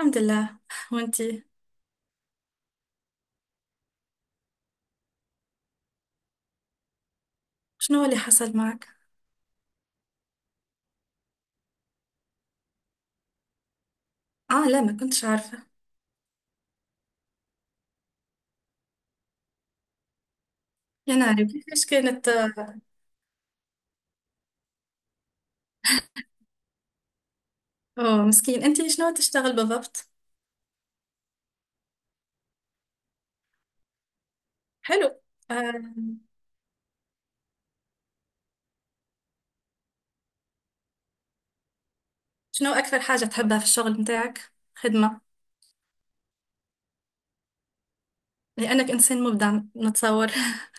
الحمد لله. وانتي؟ شنو اللي حصل معك؟ اه، لا، ما كنتش عارفه. يا ناري، كيفاش كانت؟ اوه، مسكين. انتي شنو تشتغل بالضبط؟ حلو. آه. شنو اكثر حاجه تحبها في الشغل متاعك، خدمه؟ لانك انسان مبدع نتصور.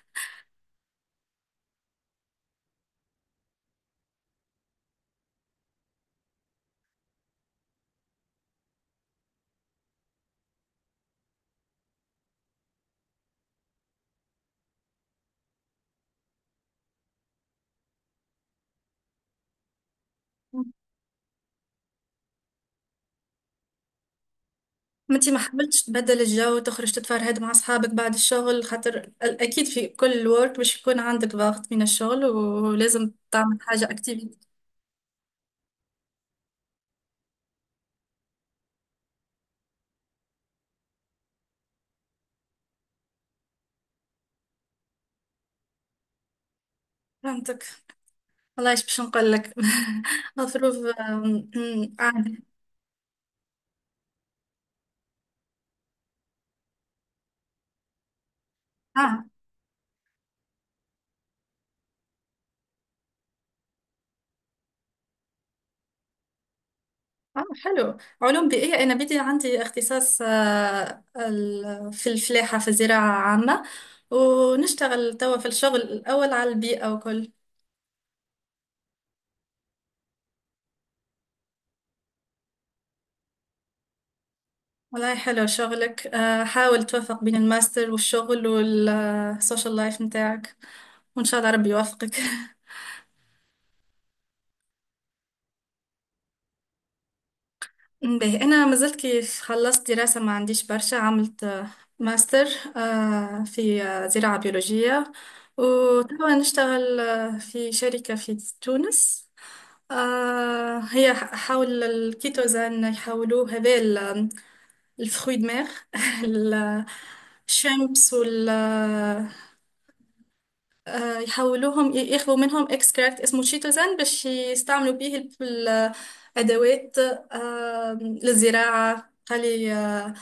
ما انتي ما حاولتش تبدل الجو، تخرج تتفرهد مع اصحابك بعد الشغل، خاطر اكيد في كل ورك باش يكون عندك ضغط من الشغل، ولازم تعمل حاجه اكتيفيتي. فهمتك. والله ايش باش نقول لك. الظروف. آه، آه، حلو. علوم بيئية. أنا بدي عندي اختصاص في الفلاحة، في الزراعة عامة. ونشتغل توا في الشغل الأول على البيئة وكل. والله حلو شغلك. حاول توفق بين الماستر والشغل والسوشيال لايف متاعك، وإن شاء الله ربي يوفقك. به، أنا ما زلت كيف خلصت دراسة ما عنديش برشا. عملت ماستر في زراعة بيولوجية، وتوا نشتغل في شركة في تونس. هي حول الكيتوزان، يحولوه هذا الفخوي، دماغ. الشامبس. يحولوهم يخلوا منهم اكستراكت اسمه تشيتوزان باش يستعملوا بيه الادوات للزراعة، خلي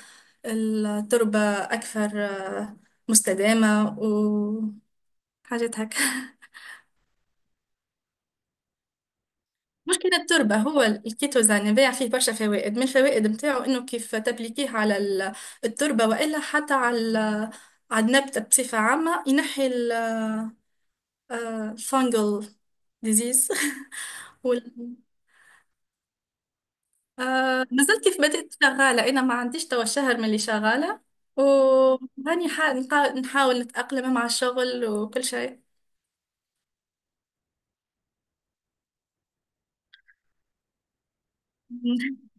التربة أكثر مستدامة وحاجات هكا. مشكلة التربة، هو الكيتوزان يبيع فيه برشا فوائد. من الفوائد متاعه إنه كيف تبليكيه على التربة وإلا حتى على النبتة بصفة عامة ينحي الفانجل ديزيز. ما زلت كيف بدأت شغالة. أنا ما عنديش توا شهر من اللي شغالة، وهاني نحاول نتأقلم مع الشغل وكل شيء.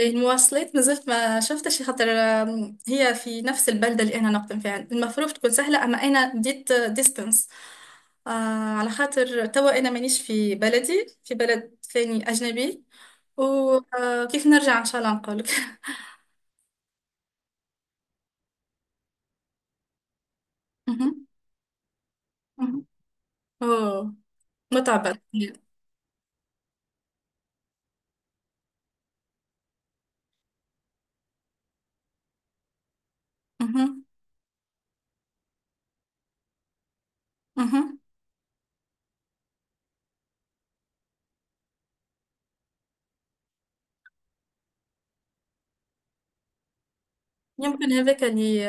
المواصلات ما زلت ما شفتش. خاطر هي في نفس البلدة اللي أنا نقدم فيها، المفروض تكون سهلة، أما أنا ديت ديستنس آه على خاطر توا أنا مانيش في بلدي، في بلد ثاني أجنبي. وكيف نرجع إن شاء الله نقولك. مهم. مهم. أوه، متعبة. مهم. مهم. يمكن هذاك اللي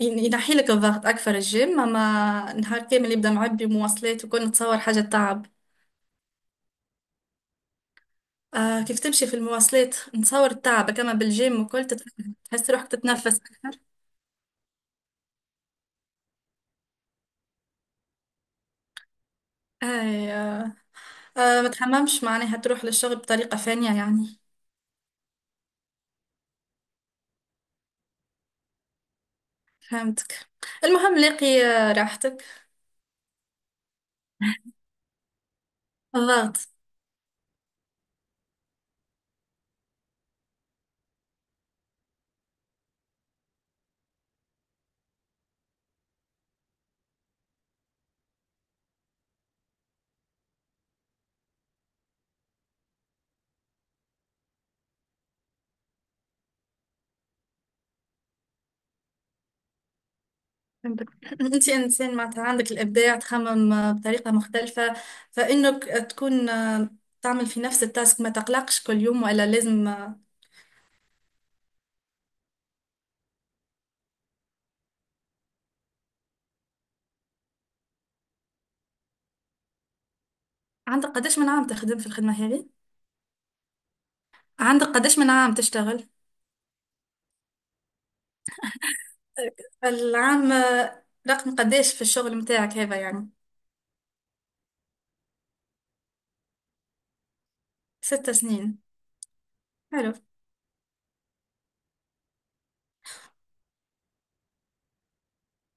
ينحي لك الضغط أكثر، الجيم. أما نهار كامل يبدأ معبي مواصلات وكل، نتصور حاجة تعب. آه، كيف تمشي في المواصلات نتصور التعب، كما بالجيم وكل تحس روحك تتنفس أكثر. أي، آه. آه، ما تحممش معناها تروح للشغل بطريقة ثانية يعني؟ فهمتك. المهم لاقي راحتك. الضغط. فهمتك. انت انسان معناتها عندك الابداع، تخمم بطريقه مختلفه، فانك تكون تعمل في نفس التاسك، ما تقلقش كل يوم ولا لازم عندك قداش من عام تخدم في الخدمه هذه؟ عندك قداش من عام تشتغل؟ العام رقم قداش في الشغل متاعك هذا يعني؟ 6 سنين. حلو.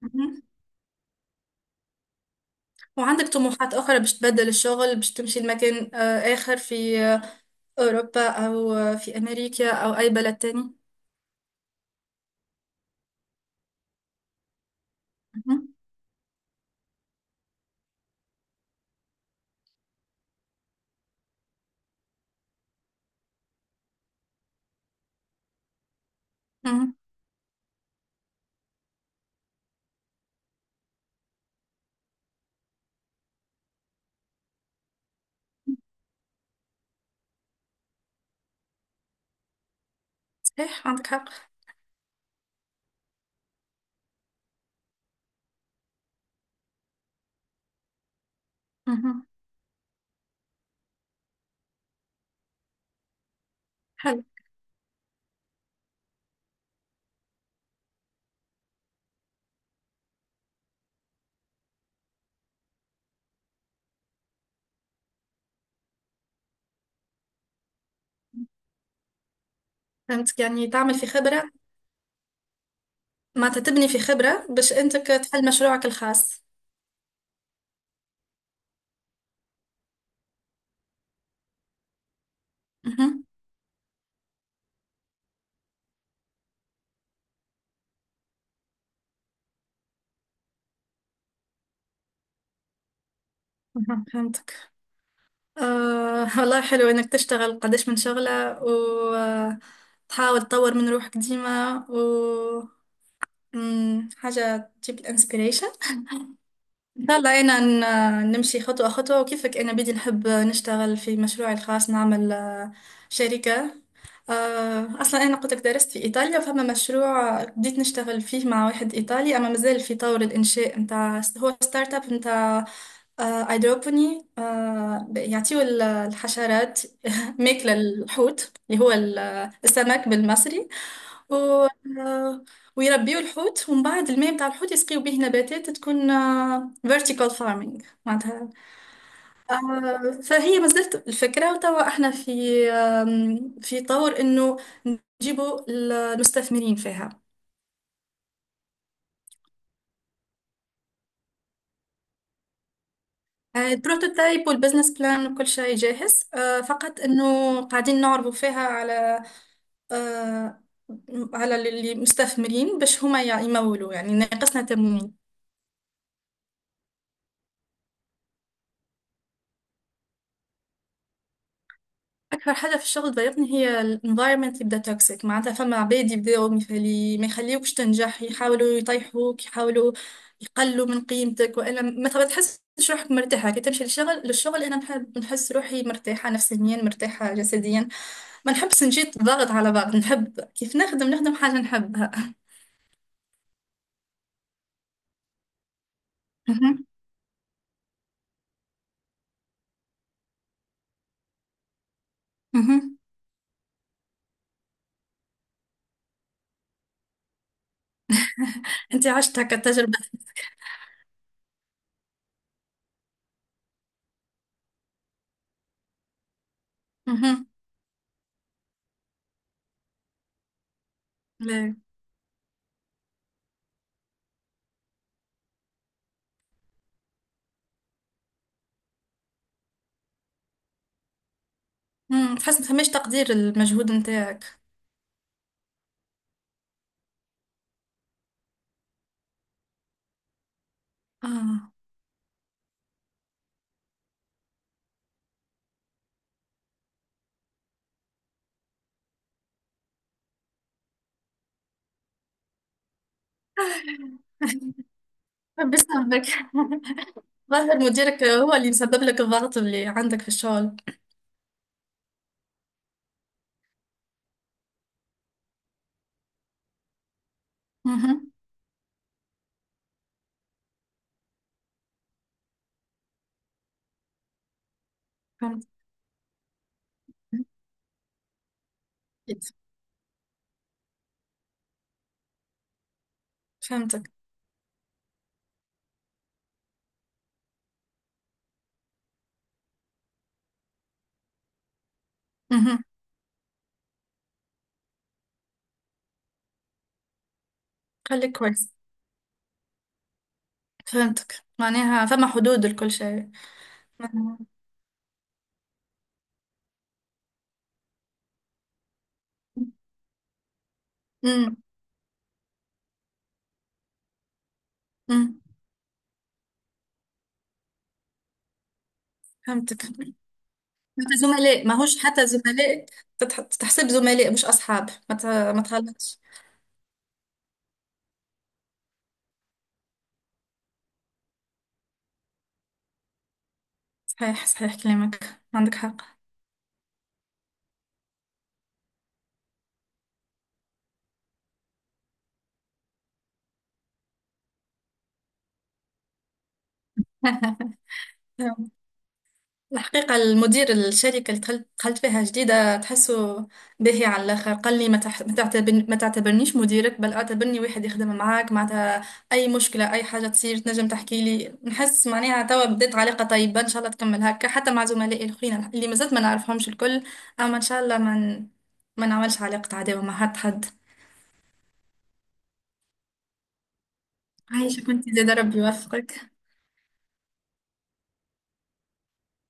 مهم. وعندك طموحات اخرى باش تبدل الشغل، باش تمشي لمكان اخر في اوروبا او في امريكا او اي بلد تاني؟ مهم. مهم. صحيح، عندك حق. حلو. فهمتك، يعني تعمل في خبرة. معناتها تبني في خبرة باش انت تحل مشروعك الخاص. مهم. مهم. فهمتك. والله حلو انك تشتغل قداش من شغلة وتحاول تطور من روحك ديما، و حاجة تجيب الانسبيريشن. إن شاء الله أنا نمشي خطوة خطوة، وكيفك أنا بدي نحب نشتغل في مشروعي الخاص، نعمل شركة. أصلا أنا قلت لك درست في إيطاليا، فما مشروع بديت نشتغل فيه مع واحد إيطالي، أما مازال في طور الإنشاء. متاع هو ستارت أب متاع أيدروبوني. يعطيو الحشرات ماكلة الحوت اللي هو السمك بالمصري، و آه، ويربيو الحوت، ومن بعد الماء بتاع الحوت يسقيو به نباتات تكون vertical farming معناتها. فهي ما زالت الفكرة، وتوا احنا في طور انه نجيبوا المستثمرين فيها. البروتوتايب والبزنس بلان وكل شيء جاهز، فقط انه قاعدين نعرضوا فيها على آه، على المستثمرين باش هما يمولوا، يعني ناقصنا تمويل. أكثر حاجة في الشغل تضايقني هي ال environment يبدأ توكسيك. معناتها فما عباد يبداو ما يخليوكش تنجح، يحاولوا يطيحوك، يحاولوا يقلوا من قيمتك، وإلا ما تحسش روحك مرتاحة كي تمشي للشغل. أنا نحب نحس روحي مرتاحة نفسيا، مرتاحة جسديا. ما نحبش نجي ضغط على بعض. نحب كيف نخدم حاجة نحبها. مهم. مهم. أنت عشت هكا التجربة؟ مهم. لا. مم. تحس ما فماش تقدير المجهود نتاعك؟ آه، بسببك. ظاهر مديرك هو اللي مسبب لك الضغط اللي عندك في الشغل. مهم. فهمت. أكيد. فهمتك. مهم. خليك كويس. فهمتك، معناها فما حدود لكل شيء. مهم. أمم. أمم. فهمتك حتى. زملاء ماهوش حتى زملاء، تحسب زملاء مش أصحاب، ما تغلطش. صحيح، صحيح كلامك عندك حق. الحقيقة المدير، الشركة اللي دخلت فيها جديدة، تحسه باهي على الآخر. قال لي ما تعتبرنيش مديرك، بل اعتبرني واحد يخدم معاك. معناتها أي مشكلة، أي حاجة تصير تنجم تحكي لي، نحس معناها توا بدات علاقة طيبة، إن شاء الله تكمل هكا حتى مع زملائي الأخرين اللي مازلت ما نعرفهمش الكل. أما إن شاء الله ما نعملش علاقة عداوة مع حد حد. عايشة كنت زاد، ربي يوفقك.